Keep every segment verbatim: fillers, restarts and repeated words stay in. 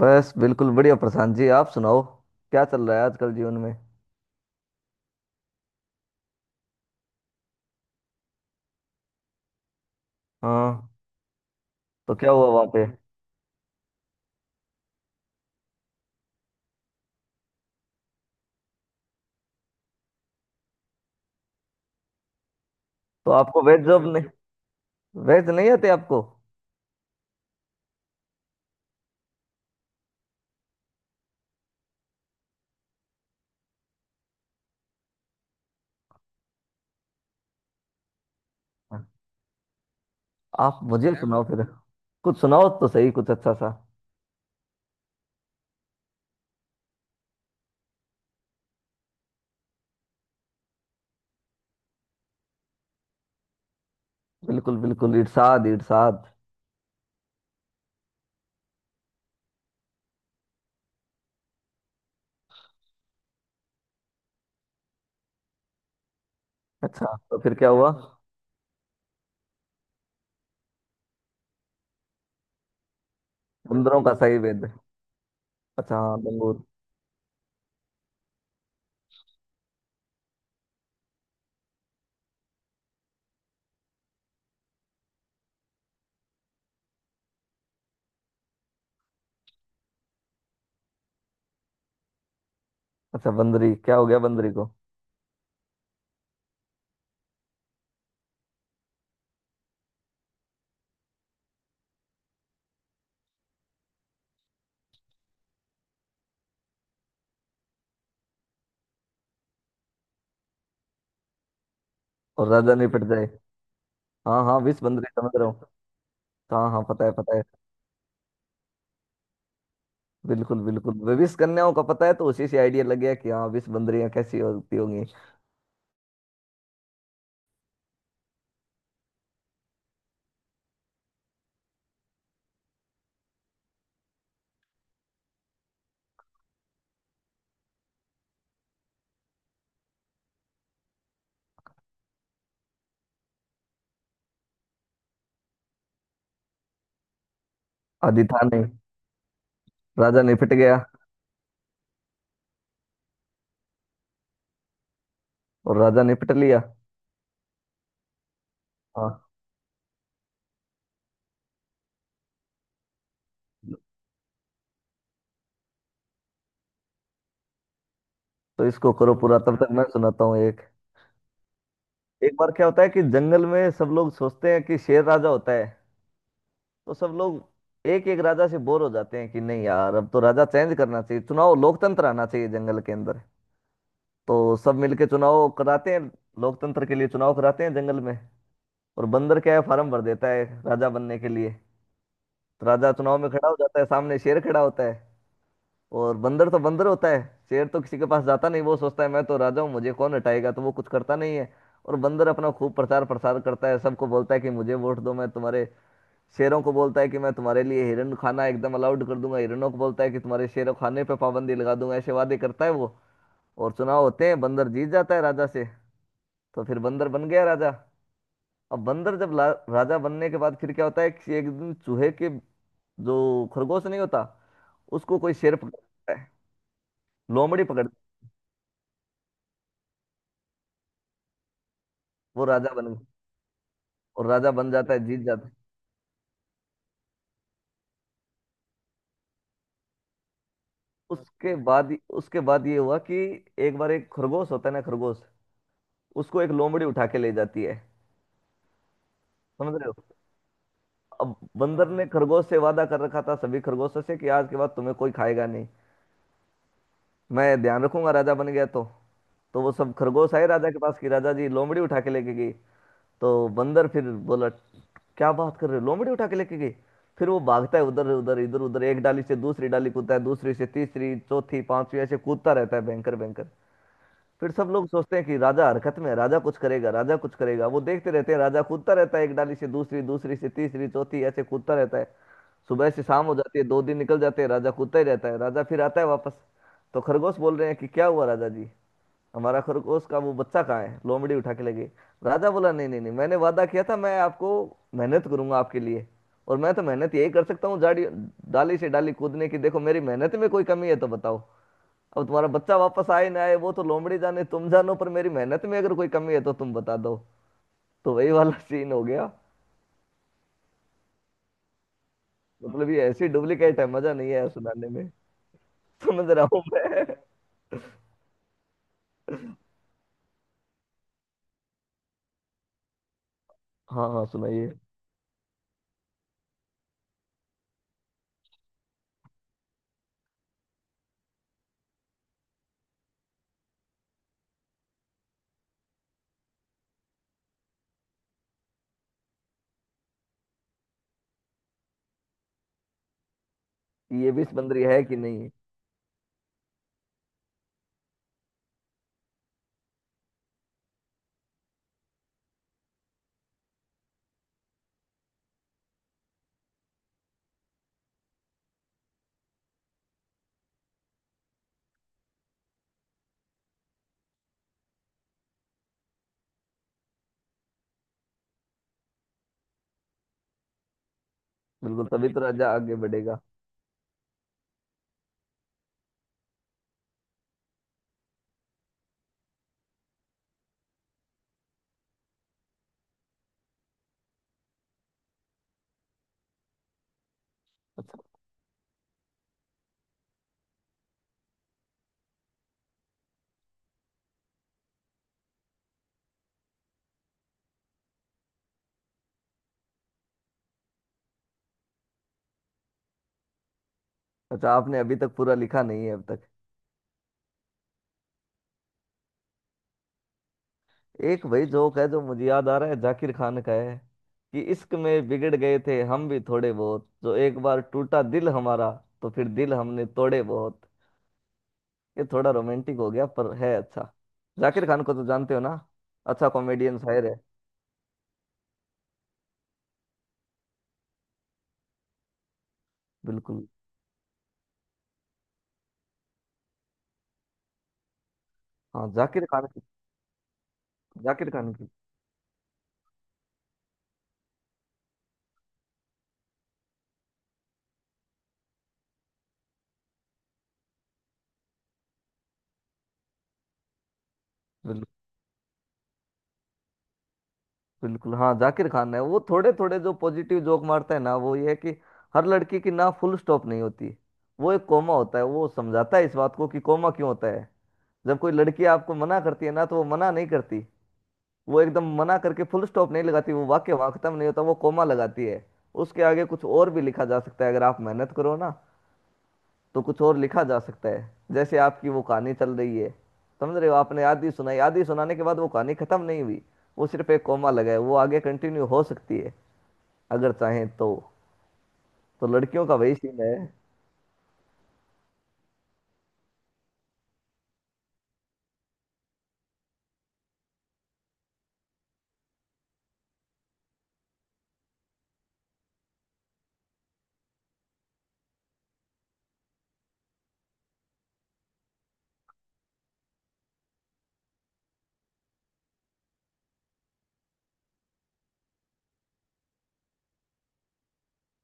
बस बिल्कुल बढ़िया प्रशांत जी। आप सुनाओ, क्या चल रहा है आजकल जीवन में। हाँ। तो क्या हुआ वहां पे। तो आपको वेज जॉब नहीं? वेज नहीं आते आपको? आप मुझे सुनाओ फिर। कुछ सुनाओ तो सही, कुछ अच्छा सा। बिल्कुल बिल्कुल, इरशाद इरशाद। अच्छा, तो फिर क्या हुआ। बंदरों का सही वेद? अच्छा, हाँ, बंगूर। अच्छा, बंदरी, क्या हो गया बंदरी को। और राजा नहीं पिट जाए? हाँ हाँ, विष बंदरी, समझ रहा हूँ। हाँ हाँ, पता है पता है। बिल्कुल बिल्कुल, विष कन्याओं का पता है, तो उसी से आइडिया लग गया कि हाँ, विष बंदरियां कैसी होती होंगी। आदि था नहीं? राजा निपट गया। और राजा निपट लिया। हाँ। तो इसको करो पूरा, तब तक मैं सुनाता हूँ एक। एक बार क्या होता है कि जंगल में सब लोग सोचते हैं कि शेर राजा होता है। तो सब लोग एक एक राजा से बोर हो जाते हैं कि नहीं यार, अब तो राजा चेंज करना चाहिए, चुनाव लोकतंत्र आना चाहिए जंगल के अंदर। तो सब मिलके चुनाव कराते हैं। लोकतंत्र के लिए चुनाव कराते हैं जंगल में। और बंदर क्या है, फार्म भर देता है राजा बनने के लिए। तो राजा चुनाव में खड़ा हो जाता है, सामने शेर खड़ा होता है। और बंदर तो बंदर होता है। शेर तो किसी के पास जाता नहीं, वो सोचता है मैं तो राजा हूँ, मुझे कौन हटाएगा, तो वो कुछ करता नहीं है। और बंदर अपना खूब प्रचार प्रसार करता है, सबको बोलता है कि मुझे वोट दो, मैं तुम्हारे शेरों को बोलता है कि मैं तुम्हारे लिए हिरण खाना एकदम अलाउड कर दूंगा, हिरणों को बोलता है कि तुम्हारे शेरों खाने पर पाबंदी लगा दूंगा, ऐसे वादे करता है वो। और चुनाव होते हैं, बंदर जीत जाता है राजा से। तो फिर बंदर बन गया राजा। अब बंदर जब ला- राजा बनने के बाद फिर क्या होता है कि एक दिन चूहे के, जो, खरगोश नहीं होता, उसको कोई शेर पकड़ता है, लोमड़ी पकड़ती। वो राजा बन गया, और राजा बन जाता है, जीत जाता है। उसके बाद, उसके बाद ये हुआ कि एक बार एक खरगोश होता है ना, खरगोश, उसको एक लोमड़ी उठा के ले जाती है। समझ रहे हो। अब बंदर ने खरगोश से वादा कर रखा था, सभी खरगोशों से, कि आज के बाद तुम्हें कोई खाएगा नहीं, मैं ध्यान रखूंगा राजा बन गया तो। तो वो सब खरगोश आए राजा के पास कि राजा जी, लोमड़ी उठा के लेके गई। तो बंदर फिर बोला, क्या बात कर रहे हो, लोमड़ी उठा के लेके गई। फिर वो भागता है उधर उधर इधर उधर, एक डाली से दूसरी डाली कूदता है, दूसरी से तीसरी, चौथी, पांचवी, ऐसे कूदता रहता है भयंकर भयंकर। फिर सब लोग सोचते हैं कि राजा हरकत में है, राजा कुछ करेगा, राजा कुछ करेगा, वो देखते रहते हैं, राजा कूदता रहता है एक डाली से दूसरी, दूसरी से तीसरी, चौथी, ऐसे कूदता रहता है। सुबह से शाम हो जाती है, दो दिन निकल जाते हैं, राजा कूदता ही रहता है, राजा फिर आता है वापस। तो खरगोश बोल रहे हैं कि क्या हुआ राजा जी, हमारा खरगोश का वो बच्चा कहाँ है, लोमड़ी उठा के ले गई। राजा बोला, नहीं नहीं नहीं, मैंने वादा किया था, मैं आपको मेहनत करूंगा आपके लिए। और मैं तो मेहनत यही कर सकता हूँ, जाड़ी, डाली से डाली कूदने की, देखो मेरी मेहनत में कोई कमी है तो बताओ। अब तुम्हारा बच्चा वापस आए ना आए, वो तो लोमड़ी जाने तुम जानो, पर मेरी मेहनत में अगर कोई कमी है तो तुम बता दो। तो वही वाला सीन हो गया। मतलब ये ऐसी डुप्लीकेट है, मजा नहीं है सुनाने में। समझ रहा हूँ मैं। हाँ हाँ, सुनाइए। ये भी बंदरी है कि नहीं है? बिल्कुल, तभी तो राजा आगे बढ़ेगा। अच्छा। अच्छा, आपने अभी तक पूरा लिखा नहीं है अब तक? एक वही जोक है जो मुझे याद आ रहा है, जाकिर खान का है, कि इश्क में बिगड़ गए थे हम भी थोड़े बहुत, जो एक बार टूटा दिल हमारा, तो फिर दिल हमने तोड़े बहुत। ये थोड़ा रोमांटिक हो गया, पर है अच्छा। जाकिर खान को तो जानते हो ना? अच्छा कॉमेडियन शायर है। बिल्कुल। हाँ, जाकिर खान की। जाकिर खान की। बिल्कुल। हाँ, जाकिर खान है, वो थोड़े थोड़े जो पॉजिटिव जोक मारता है ना, वो ये है कि हर लड़की की ना फुल स्टॉप नहीं होती, वो एक कोमा होता है। वो समझाता है इस बात को कि कोमा क्यों होता है। जब कोई लड़की आपको मना करती है ना, तो वो मना नहीं करती, वो एकदम मना करके फुल स्टॉप नहीं लगाती, वो वाक्य वहां खत्म नहीं होता, वो कोमा लगाती है। उसके आगे कुछ और भी लिखा जा सकता है अगर आप मेहनत करो ना, तो कुछ और लिखा जा सकता है, जैसे आपकी वो कहानी चल रही है। समझ रहे हो, आपने आधी सुनाई, आधी सुनाने के बाद वो कहानी खत्म नहीं हुई, वो सिर्फ एक कोमा लगा है, वो आगे कंटिन्यू हो सकती है अगर चाहें तो। तो लड़कियों का वही सीन है।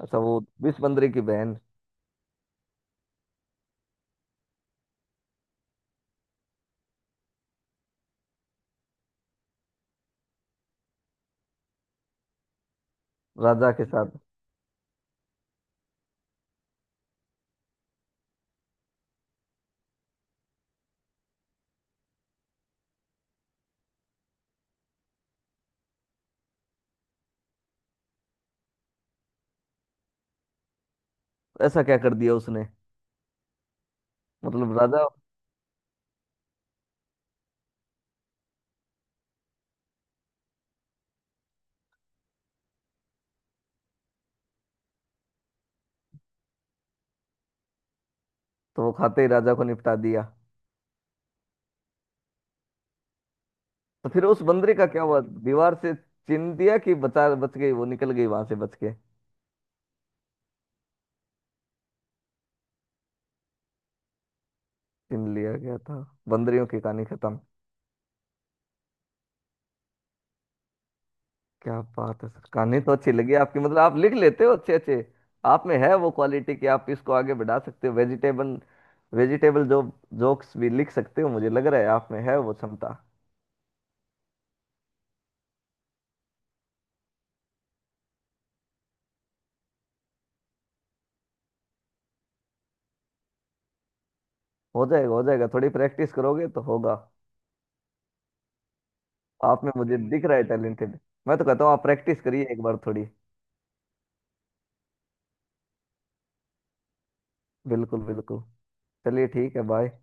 अच्छा, वो विष बंदरी की बहन। राजा के साथ। ऐसा क्या कर दिया उसने? मतलब राजा। तो वो खाते ही राजा को निपटा दिया। तो फिर उस बंदरी का क्या हुआ। दीवार से छीन दिया कि बचा, बच गई वो, निकल गई वहां से बच के? छीन लिया गया था। बंदरियों की कहानी खत्म। क्या बात है सर, कहानी तो अच्छी लगी आपकी। मतलब आप लिख लेते हो अच्छे अच्छे। आप में है वो क्वालिटी कि आप इसको आगे बढ़ा सकते हो। वेजिटेबल वेजिटेबल जो जोक्स भी लिख सकते हो, मुझे लग रहा है आप में है वो क्षमता। हो जाएगा हो जाएगा, थोड़ी प्रैक्टिस करोगे तो होगा। आप में मुझे दिख रहा है टैलेंटेड। मैं तो कहता हूँ आप प्रैक्टिस करिए एक बार थोड़ी। बिल्कुल बिल्कुल। चलिए ठीक है, बाय।